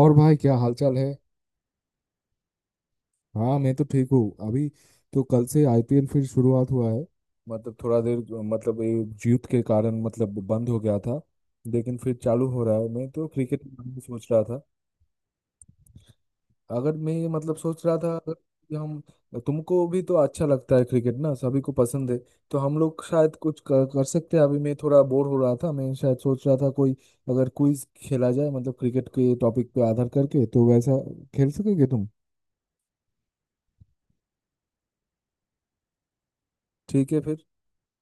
और भाई, क्या हालचाल है। हाँ, मैं तो ठीक हूँ अभी। तो कल से आईपीएल फिर शुरुआत हुआ है। मतलब थोड़ा देर, मतलब ये जीत के कारण मतलब बंद हो गया था। लेकिन फिर चालू हो रहा है। मैं तो क्रिकेट के बारे में सोच रहा था। अगर मैं ये मतलब सोच रहा था, अगर कि हम तुमको भी तो अच्छा लगता है क्रिकेट, ना? सभी को पसंद है। तो हम लोग शायद कुछ कर सकते हैं। अभी मैं थोड़ा बोर हो रहा था। मैं शायद सोच रहा था, कोई अगर क्विज खेला जाए मतलब क्रिकेट के टॉपिक पे आधार करके, तो वैसा खेल सकोगे तुम? ठीक है फिर।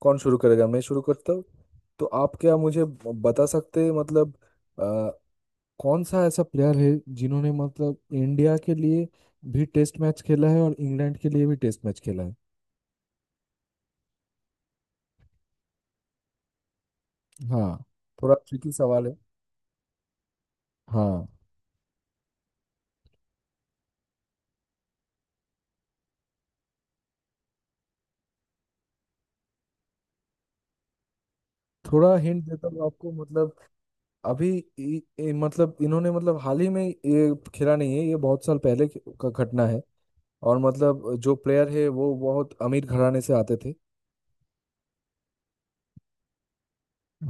कौन शुरू करेगा? मैं शुरू करता हूँ। तो आप क्या मुझे बता सकते हैं मतलब, अ, कौन सा ऐसा प्लेयर है जिन्होंने मतलब इंडिया के लिए भी टेस्ट मैच खेला है, और इंग्लैंड के लिए भी टेस्ट मैच खेला है? हाँ। थोड़ा ट्रिकी सवाल है। हाँ। थोड़ा हिंट देता हूँ आपको मतलब। अभी इ, इ, मतलब इन्होंने मतलब हाल ही में ये खेला नहीं है। ये बहुत साल पहले का घटना है। और मतलब जो प्लेयर है वो बहुत अमीर घराने से आते थे।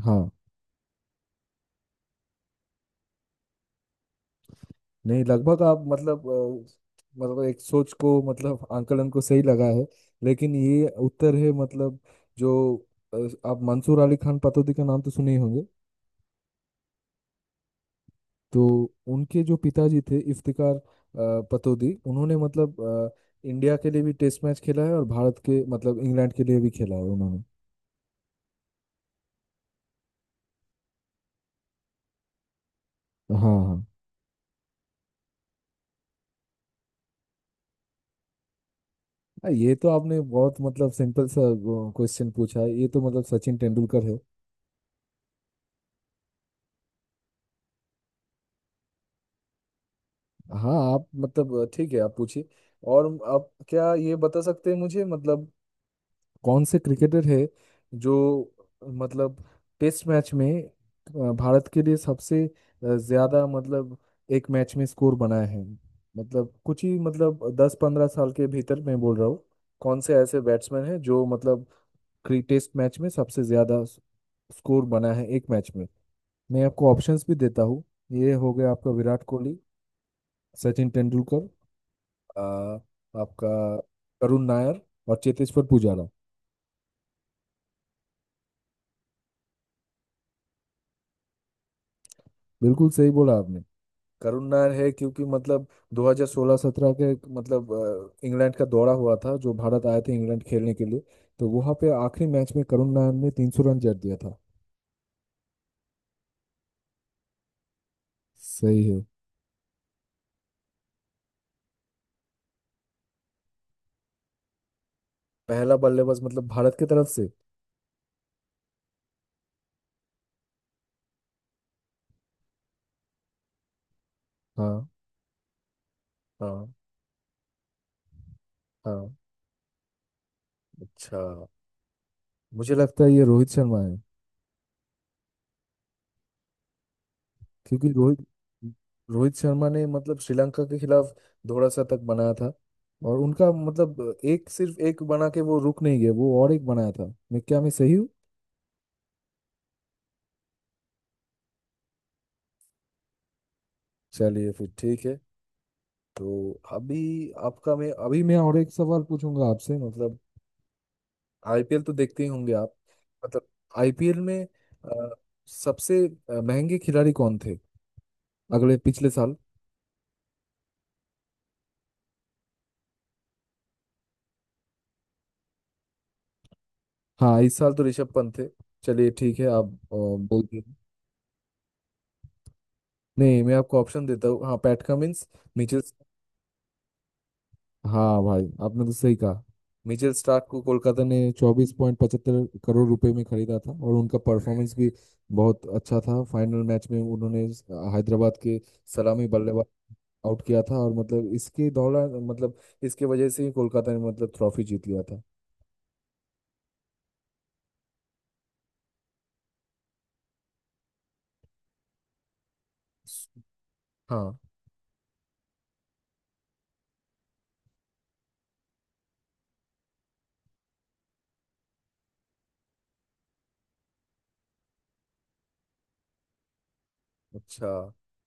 हाँ। नहीं, लगभग आप मतलब मतलब एक सोच को, मतलब आंकलन को सही लगा है। लेकिन ये उत्तर है मतलब, जो आप मंसूर अली खान पटौदी का नाम तो सुने ही होंगे। तो उनके जो पिताजी थे इफ्तिकार पटौदी, उन्होंने मतलब इंडिया के लिए भी टेस्ट मैच खेला है, और भारत के मतलब इंग्लैंड के लिए भी खेला है उन्होंने। हाँ, हाँ। ये तो आपने बहुत मतलब सिंपल सा क्वेश्चन पूछा है। ये तो मतलब सचिन तेंदुलकर है। हाँ, आप मतलब ठीक है, आप पूछिए। और आप क्या ये बता सकते हैं मुझे मतलब, कौन से क्रिकेटर है जो मतलब टेस्ट मैच में भारत के लिए सबसे ज्यादा मतलब एक मैच में स्कोर बनाए हैं, मतलब कुछ ही मतलब 10-15 साल के भीतर मैं बोल रहा हूँ। कौन से ऐसे बैट्समैन हैं जो मतलब टेस्ट मैच में सबसे ज्यादा स्कोर बना है एक मैच में? मैं आपको ऑप्शंस भी देता हूँ। ये हो गया आपका विराट कोहली, सचिन तेंदुलकर, आ, आपका करुण नायर, और चेतेश्वर पुजारा। बिल्कुल सही बोला आपने। करुण नायर है, क्योंकि मतलब 2016-17 के मतलब, इंग्लैंड का दौरा हुआ था, जो भारत आए थे इंग्लैंड खेलने के लिए। तो वहां पे आखिरी मैच में करुण नायर ने 300 रन जड़ दिया था। सही है। पहला बल्लेबाज मतलब भारत की तरफ से? हाँ, हाँ, हाँ। अच्छा। मुझे लगता है ये रोहित शर्मा है, क्योंकि रोहित रोहित शर्मा ने मतलब श्रीलंका के खिलाफ दोहरा शतक बनाया था। और उनका मतलब एक, सिर्फ एक बना के वो रुक नहीं गए, वो और एक बनाया था। मैं क्या मैं सही हूँ? चलिए फिर, ठीक है। तो अभी मैं और एक सवाल पूछूंगा आपसे मतलब। आईपीएल तो देखते ही होंगे आप। मतलब आईपीएल में, अ, सबसे महंगे खिलाड़ी कौन थे अगले पिछले साल? हाँ, इस साल तो ऋषभ पंत थे। चलिए ठीक है, आप बोलिए। नहीं, मैं आपको ऑप्शन देता हूँ। हाँ, पैट कमिंस, मिचेल। हाँ भाई, आपने तो सही कहा। मिचेल स्टार्क को कोलकाता ने 24.75 करोड़ रुपए में खरीदा था, और उनका परफॉर्मेंस भी बहुत अच्छा था। फाइनल मैच में उन्होंने हैदराबाद के सलामी बल्लेबाज आउट किया था। और मतलब इसके दौरान, मतलब इसके वजह से ही कोलकाता ने मतलब ट्रॉफी जीत लिया था। हाँ, अच्छा।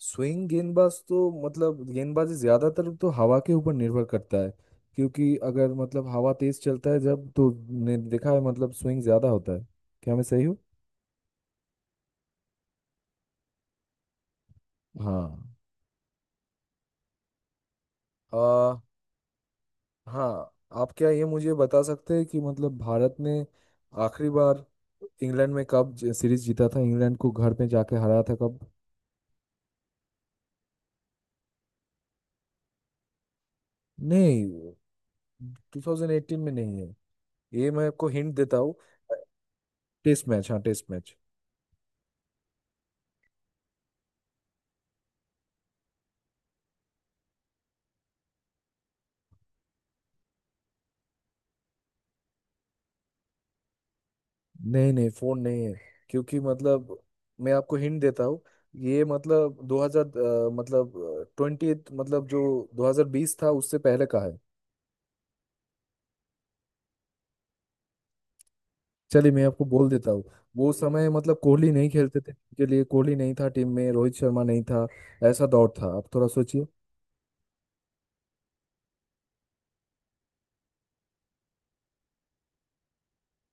स्विंग गेंदबाज तो मतलब गेंदबाजी ज्यादातर तो हवा के ऊपर निर्भर करता है। क्योंकि अगर मतलब हवा तेज चलता है जब, तो ने देखा है मतलब स्विंग ज्यादा होता है। क्या मैं सही हूँ? हाँ। आ, हाँ। आप क्या ये मुझे बता सकते हैं कि मतलब भारत ने आखिरी बार इंग्लैंड में कब सीरीज जीता था, इंग्लैंड को घर पे जाके हराया था कब? नहीं, 2018 में नहीं है ये। मैं आपको हिंट देता हूँ। टेस्ट मैच, हाँ, टेस्ट मैच। नहीं नहीं, फोन नहीं है। क्योंकि मतलब मैं आपको हिंट देता हूँ। ये मतलब 2000, मतलब ट्वेंटी, मतलब जो 2020 था उससे पहले का है। चलिए, मैं आपको बोल देता हूँ। वो समय मतलब कोहली नहीं खेलते थे के लिए, कोहली नहीं था टीम में, रोहित शर्मा नहीं था। ऐसा दौर था, आप थोड़ा सोचिए।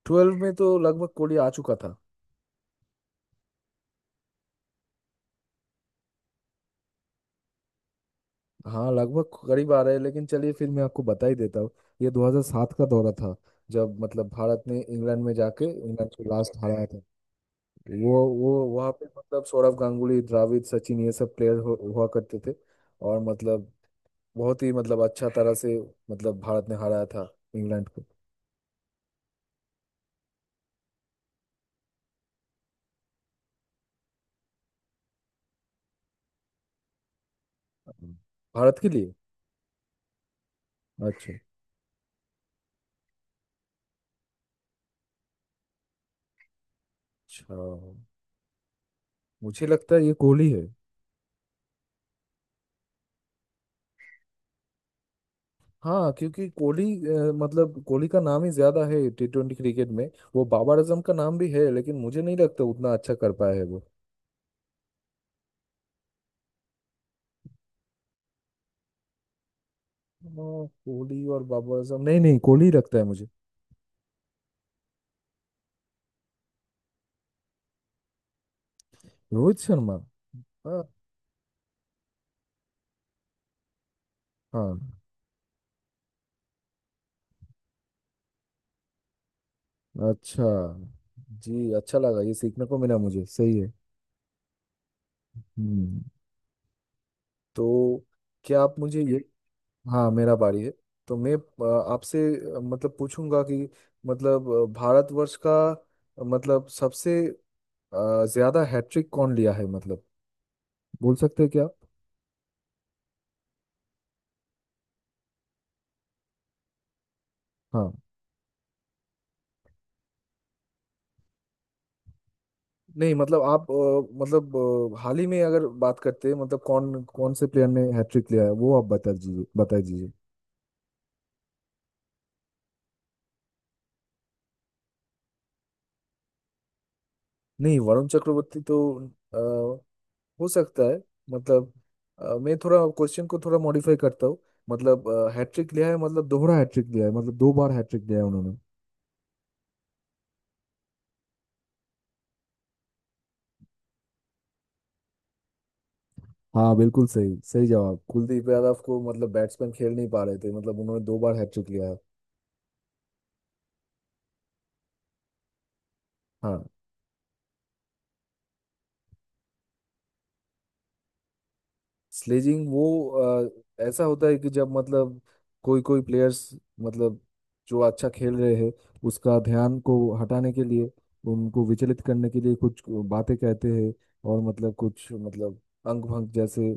ट्वेल्व में तो लगभग कोहली आ चुका था। हाँ, लगभग करीब आ रहे हैं, लेकिन चलिए फिर मैं आपको बता ही देता हूँ। ये 2007 का दौरा था, जब मतलब भारत ने इंग्लैंड में जाके इंग्लैंड को लास्ट हराया था। वो वो वहाँ पे मतलब सौरव गांगुली, द्रविड़, सचिन, ये सब प्लेयर हुआ करते थे। और मतलब बहुत ही मतलब अच्छा तरह से मतलब भारत ने हराया था इंग्लैंड को। भारत के लिए? अच्छा। अच्छा, मुझे लगता है ये कोहली है। हाँ, क्योंकि कोहली, मतलब कोहली का नाम ही ज्यादा है टी ट्वेंटी क्रिकेट में। वो बाबर आजम का नाम भी है, लेकिन मुझे नहीं लगता उतना अच्छा कर पाया है वो। अ, कोहली और बाबर आजम। नहीं नहीं, कोहली लगता है मुझे। रोहित शर्मा? हाँ, हाँ। अच्छा। जी, अच्छा लगा, ये सीखने को मिला मुझे। सही है। हम्म। तो क्या आप मुझे ये, हाँ, मेरा बारी है। तो मैं आपसे मतलब पूछूंगा कि, मतलब भारतवर्ष का मतलब सबसे ज्यादा हैट्रिक कौन लिया है मतलब, बोल सकते हैं क्या आप? हाँ। नहीं मतलब, आप मतलब हाल ही में अगर बात करते हैं मतलब, कौन कौन से प्लेयर ने हैट्रिक लिया है वो आप बता दीजिए, बता दीजिए। नहीं, वरुण चक्रवर्ती तो हो सकता है मतलब, मैं थोड़ा क्वेश्चन को थोड़ा मॉडिफाई करता हूँ। मतलब हैट्रिक लिया है मतलब, दोहरा हैट्रिक लिया है, मतलब दो बार हैट्रिक लिया है उन्होंने। हाँ, बिल्कुल सही। सही जवाब कुलदीप यादव, को मतलब बैट्समैन खेल नहीं पा रहे थे, मतलब उन्होंने दो बार हैट्रिक लिया है। हाँ। स्लेजिंग वो ऐसा होता है कि, जब मतलब कोई कोई प्लेयर्स मतलब जो अच्छा खेल रहे हैं, उसका ध्यान को हटाने के लिए, उनको विचलित करने के लिए कुछ बातें कहते हैं। और मतलब कुछ, मतलब अंग भंग जैसे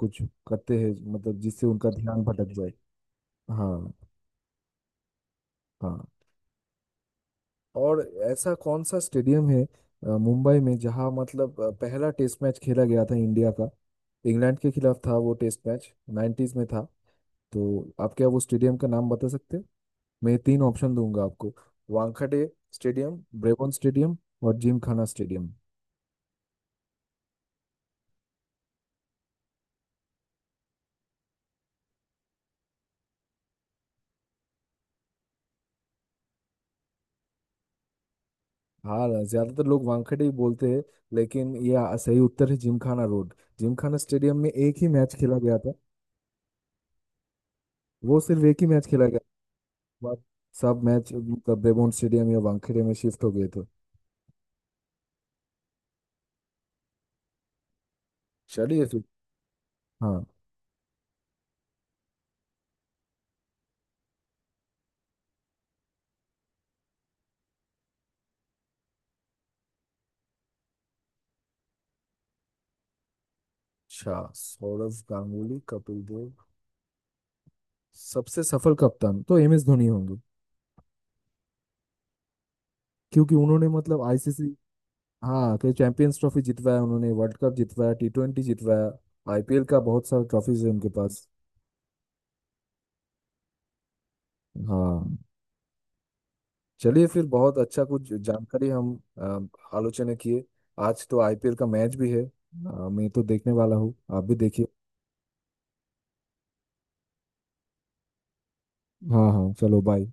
कुछ करते हैं, मतलब जिससे उनका ध्यान भटक जाए। हाँ, हाँ। और ऐसा कौन सा स्टेडियम है मुंबई में, जहाँ मतलब पहला टेस्ट मैच खेला गया था इंडिया का? इंग्लैंड के खिलाफ था वो टेस्ट मैच। 1990s में था। तो आप क्या वो स्टेडियम का नाम बता सकते हैं? मैं ये तीन ऑप्शन दूंगा आपको। वानखेड़े स्टेडियम, ब्रेबोन स्टेडियम, और जिम खाना स्टेडियम। हाँ, ज्यादातर लोग वानखेड़े ही बोलते हैं। लेकिन ये सही उत्तर है, Gymkhana road. Gymkhana stadium में एक ही मैच खेला गया था। वो सिर्फ एक ही मैच खेला गया था। बाद सब मैच मतलब ब्रेबोन स्टेडियम या वानखेड़े में शिफ्ट हो गए थे। चलिए फिर। हाँ। अच्छा, सौरव गांगुली, कपिल देव, सबसे सफल कप्तान तो एम एस धोनी होंगे। क्योंकि उन्होंने मतलब आईसीसी, हाँ कि चैंपियंस ट्रॉफी जितवाया, उन्होंने वर्ल्ड कप जितवाया, टी ट्वेंटी जितवाया। आईपीएल का बहुत सारा ट्रॉफीज है उनके पास। हाँ। चलिए फिर। बहुत अच्छा, कुछ जानकारी हम आलोचना किए। आज तो आईपीएल का मैच भी है। मैं तो देखने वाला हूँ, आप भी देखिए। हाँ, हाँ, चलो बाय।